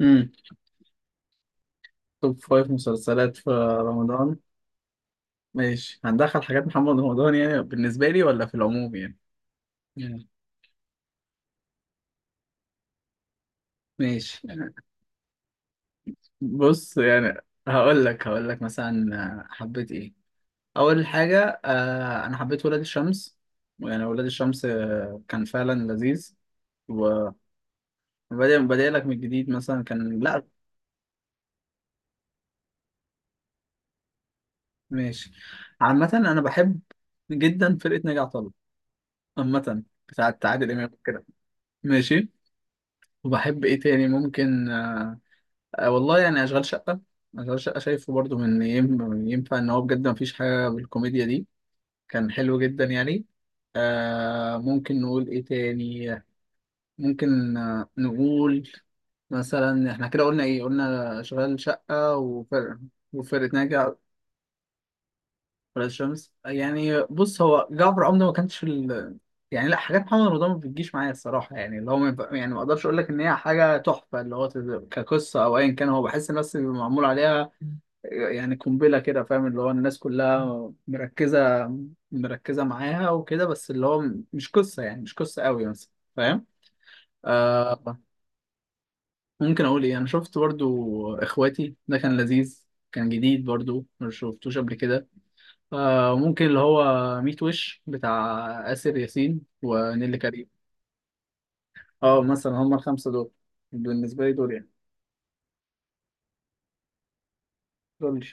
امم توب فايف مسلسلات في رمضان. ماشي، هندخل حاجات محمد رمضان يعني بالنسبة لي ولا في العموم يعني؟ يعني ماشي. بص يعني، هقول لك مثلا حبيت ايه. اول حاجة آه انا حبيت ولاد الشمس. يعني ولاد الشمس آه، كان فعلا لذيذ. وبدأ لك من جديد مثلا، كان لا ماشي. عامة انا بحب جدا فرقة ناجي عطا الله، عامة بتاعت عادل امام كده ماشي. وبحب ايه تاني؟ ممكن آه والله يعني اشغال شقه. اشغال شقه شايفه برضو، من ينفع ان هو بجد مفيش حاجه بالكوميديا دي، كان حلو جدا يعني. آه ممكن نقول ايه تاني، ممكن نقول مثلا. احنا كده قلنا ايه؟ قلنا اشغال شقه وفرق، وفرقة ناجي، ولاد الشمس. يعني بص، هو جعفر عمده ما كانش ال... يعني لا، حاجات محمد رمضان ما بتجيش معايا الصراحه، يعني اللي هو ما ينفع- يعني ما اقدرش اقول لك ان هي حاجه تحفه، اللي هو كقصه او ايا كان. هو بحس الناس اللي معمول عليها يعني قنبله كده، فاهم؟ اللي هو الناس كلها مركزه معاها وكده، بس اللي هو مش قصه، يعني مش قصه قوي مثلا، فاهم؟ آه. ممكن اقول ايه، انا شفت برضو اخواتي، ده كان لذيذ. كان جديد برضو، ما شفتوش قبل كده. آه ممكن اللي هو ميت وش بتاع آسر ياسين ونيللي كريم. اه مثلا هما الخمسة دول بالنسبة لي، دول يعني، دول لي.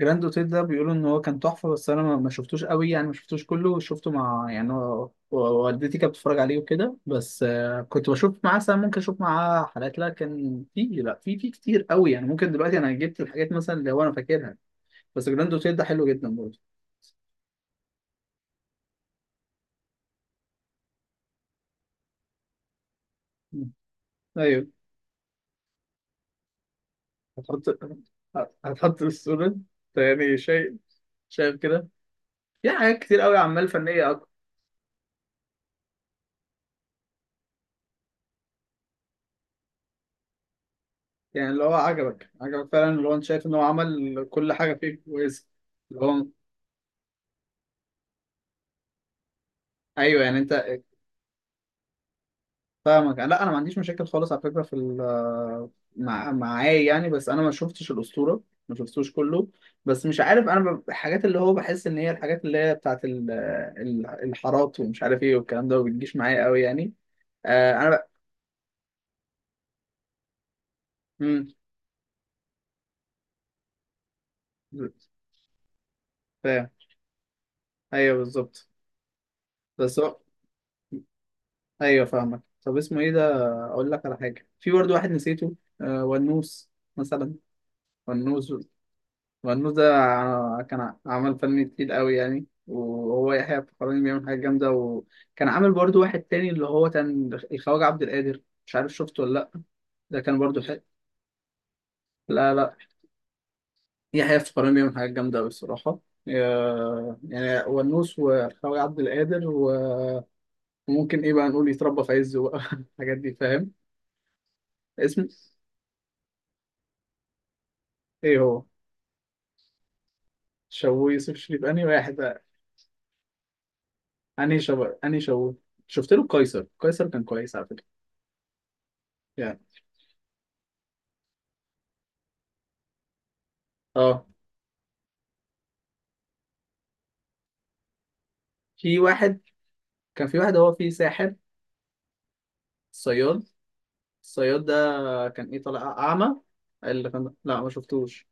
جراند اوتيل ده بيقولوا ان هو كان تحفة، بس انا ما شفتوش قوي يعني. ما شفتوش كله، شفته مع يعني والدتي كانت بتتفرج عليه وكده، بس آه كنت بشوف معاه ساعة، ممكن اشوف معاه حلقات، لكن في لا في كتير قوي يعني. ممكن دلوقتي انا جبت الحاجات مثلا اللي هو انا فاكرها. بس جراند اوتيل ده حلو جدا برضه. مم. ايوه، هتحط؟ هتحط بالصورة؟ ده يعني شيء شايف كده؟ في حاجات كتير قوي، اعمال فنية اكتر. يعني اللي هو عجبك فعلا، اللي هو انت شايف ان هو عمل كل حاجة فيه كويسة. اللي هو ايوه يعني. انت فاهمك، لا انا ما عنديش مشاكل خالص على فكرة، في مع معايا يعني. بس انا ما شفتش الأسطورة، ما شفتوش كله. بس مش عارف انا الحاجات اللي هو بحس ان هي الحاجات اللي هي بتاعت الحارات ومش عارف ايه والكلام ده، ما بتجيش معايا قوي يعني. آه، انا مم، فاهم. ايوه بالظبط. بس هو ايوه فاهمك. طب اسمه ايه ده، اقول لك على حاجه، في برضو واحد نسيته، آه ونوس مثلا. ونوس. ونوس ده كان عمل فن تقيل قوي يعني، وهو يحيى الفخراني بيعمل حاجه جامده. وكان عامل برضو واحد تاني اللي هو كان الخواجه عبد القادر، مش عارف شفته ولا لا. ده كان برضو حلو. لا لا، يحيى الفخراني بيعمل حاجات جامده قوي الصراحه. آه، يعني ونوس والخواجه عبد القادر وممكن ايه بقى نقول، يتربى في عزه بقى، الحاجات دي، فاهم؟ اسم ايه هو؟ شوي يوسف شريف، انهي واحد بقى؟ انهي شوي، انهي شوي؟ شفت له قيصر، قيصر كان كويس على فكره. يعني اه. في واحد، كان في واحد، هو فيه ساحر. صياد، الصياد ده كان ايه، طالع اعمى اللي كان؟ لا ما شفتوش.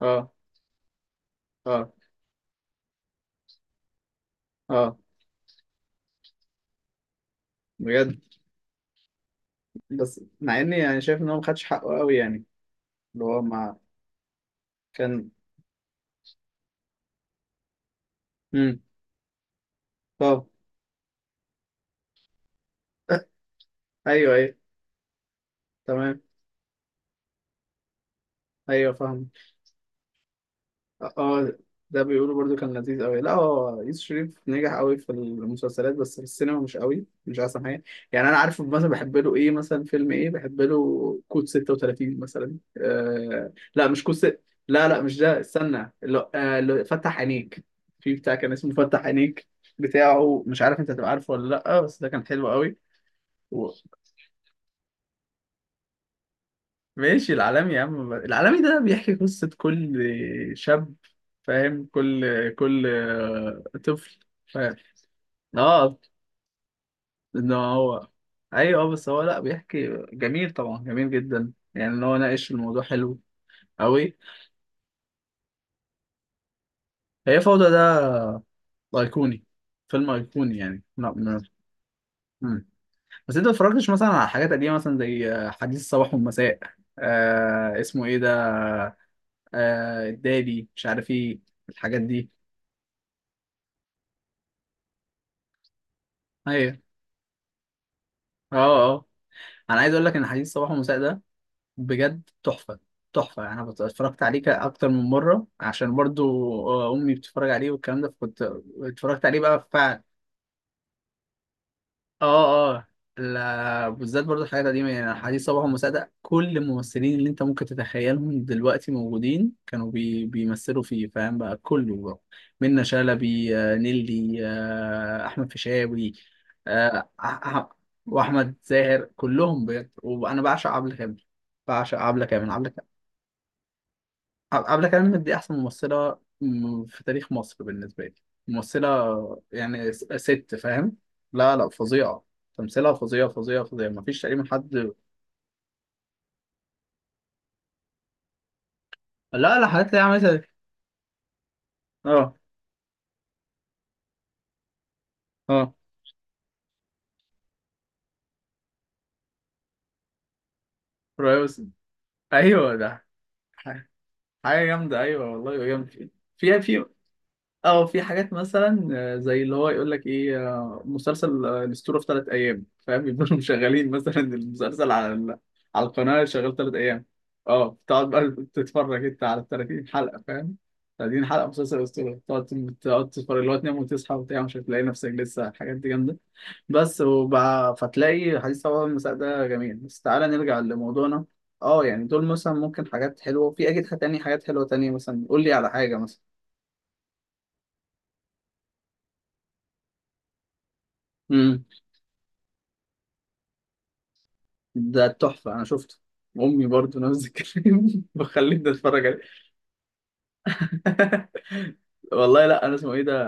اه اه. اه بجد. بس مع اني يعني شايف ان هو ما خدش حقه قوي يعني، اللي هو ما كان. امم. اه. ايوه ايوه. تمام. ايوه فاهم. اه. ده بيقولوا برضو كان لذيذ قوي. لا هو يوسف شريف نجح قوي في المسلسلات، بس في السينما مش قوي، مش احسن حاجه يعني. انا عارف مثلا بحب له ايه، مثلا فيلم ايه بحب له، كود 36 مثلا، آه لا مش كود ست... لا لا مش ده، استنى اللي اللي فتح عينيك. في بتاع كان اسمه فتح عينيك، بتاعه، مش عارف انت هتبقى عارفه ولا لا، بس ده كان حلو قوي. ماشي، العالمي يا عم، العالمي ده بيحكي قصة كل شاب، فاهم؟ كل كل طفل. فاهم؟ اه ان هو، ايوه آه، بس هو لا بيحكي جميل، طبعا جميل جدا يعني، ان هو ناقش الموضوع حلو قوي. هي فوضى ده ايقوني، فيلم ايقوني يعني، لا مم. بس انت ما اتفرجتش مثلا على حاجات قديمة مثلا زي حديث الصباح والمساء، آه اسمه ايه ده، آه الدالي، مش عارف ايه الحاجات دي. ايوه اه آه. انا عايز اقول لك ان حديث صباح ومساء ده بجد تحفه. تحفه يعني، انا اتفرجت عليه اكتر من مره، عشان برضو آه، امي بتتفرج عليه والكلام ده، فكنت اتفرجت عليه بقى. اه اه. لا بالذات برضو الحاجات القديمة يعني. حديث صباح ومساعدة، كل الممثلين اللي انت ممكن تتخيلهم دلوقتي موجودين كانوا بيمثلوا فيه، فاهم بقى، كله بقى. منة شلبي آه، نيلي آه، أحمد فيشاوي آه، وأحمد زاهر، كلهم بجد. وأنا بعشق عبلة كامل، بعشق عبلة كامل. عبلة، عبلة كامل دي أحسن ممثلة في تاريخ مصر بالنسبة لي. ممثلة يعني، ست، فاهم؟ لا لا فظيعة. تمثيلها فظيع فظيع فظيع، مفيش تقريبا حد. لا لا، حاجات اللي هي عملتها دي. اه اه. ريوس. ايوه ده. ح- حاجة جامدة، ايوه والله جامدة. في اه. في حاجات مثلا آه، زي اللي هو يقول لك ايه، آه، مسلسل، آه، الاسطوره في ثلاث ايام، فاهم؟ يبقوا مشغلين مثلا المسلسل على ال... على القناه شغال ثلاث ايام، اه. تقعد بقى تتفرج انت على 30 حلقه، فاهم؟ 30 حلقه مسلسل الاسطوره، تقعد تتفرج. اللي هو تنام وتصحى وبتاع، مش هتلاقي نفسك لسه. الحاجات دي جامده بس. وبقى فتلاقي حديث طبعا المساء ده جميل، بس تعالى نرجع لموضوعنا. اه يعني دول مثلا ممكن حاجات حلوه، وفي اكيد تاني حاجات حلوه تانية، مثلا قول لي على حاجه مثلا. ده تحفة، أنا شفته. أمي برضو نفس الكلام، بخليني أتفرج عليه. والله لا أنا اسمه إيه ده،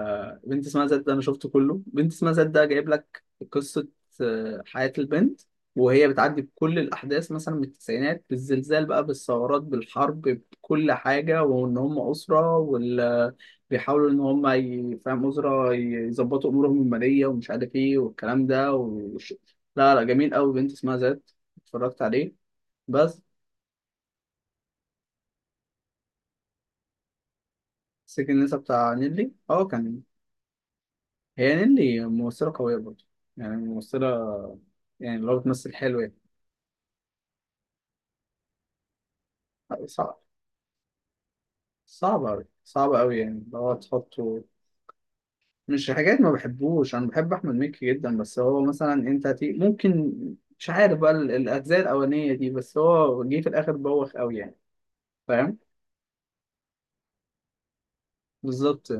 بنت اسمها زاد، ده أنا شفته كله. بنت اسمها زاد ده جايب لك قصة آه، حياة البنت، وهي بتعدي بكل الأحداث مثلا من التسعينات بالزلزال بقى، بالثورات، بالحرب، بكل حاجة. وإن هم أسرة وال بيحاولوا إن هم فاهم، أسرة يظبطوا أمورهم المالية ومش عارف إيه والكلام ده لا لا جميل أوي، بنت اسمها زاد، اتفرجت عليه. بس سجن النساء بتاع نيلي، اه كان. هي نيلي ممثلة قوية برضه يعني، ممثلة يعني اللي هو بتمثل حلو يعني. صعب، صعب أوي، صعب أوي، يعني اللي هو تحطه. مش حاجات ما بحبوش، أنا بحب أحمد مكي جدا، بس هو مثلا، أنت هتي... ممكن، مش عارف بقى الأجزاء الأولانية دي، بس هو جه في الآخر بوخ أوي يعني، فاهم؟ بالظبط.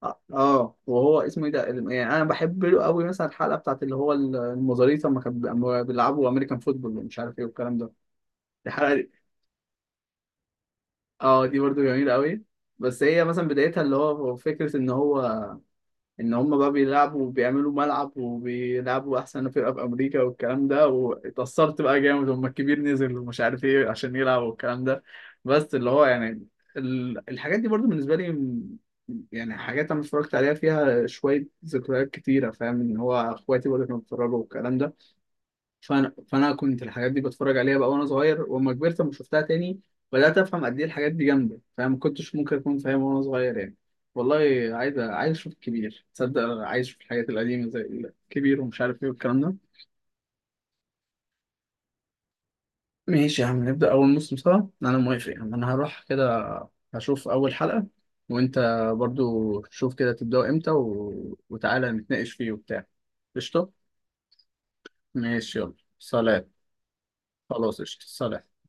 اه آه، وهو اسمه ايه ده يعني انا بحب له قوي مثلا الحلقه بتاعت اللي هو المزاريطه، لما كان أما بيلعبوا امريكان فوتبول ومش عارف ايه والكلام ده. الحلقة اه، دي برضو جميلة قوي. بس هي مثلا بدايتها اللي هو فكرة ان هو، ان هم بقى بيلعبوا وبيعملوا ملعب وبيلعبوا احسن فرقة في امريكا والكلام ده. واتأثرت بقى جامد، هم الكبير نزل ومش عارف ايه عشان يلعب والكلام ده. بس اللي هو يعني الحاجات دي برضو بالنسبة لي يعني حاجات انا اتفرجت عليها فيها شوية ذكريات كتيرة، فاهم؟ ان هو اخواتي برضو كانوا بيتفرجوا والكلام ده. فانا كنت الحاجات دي بتفرج عليها بقى وانا صغير، واما كبرت لما شفتها تاني بدات افهم قد ايه الحاجات دي جامده، فاهم؟ ما كنتش ممكن اكون فاهم وانا صغير يعني. والله عايز اشوف الكبير، تصدق؟ عايز اشوف الحاجات القديمه زي الكبير ومش عارف ايه والكلام ده. ماشي يا عم، نبدا اول موسم سوا، انا موافق يا عم. انا هروح كده هشوف اول حلقه، وانت برضو شوف كده تبداوا امتى، و... وتعالى نتناقش فيه وبتاع. قشطه. ماشي يلا سلام. خلاص قشطه سلام.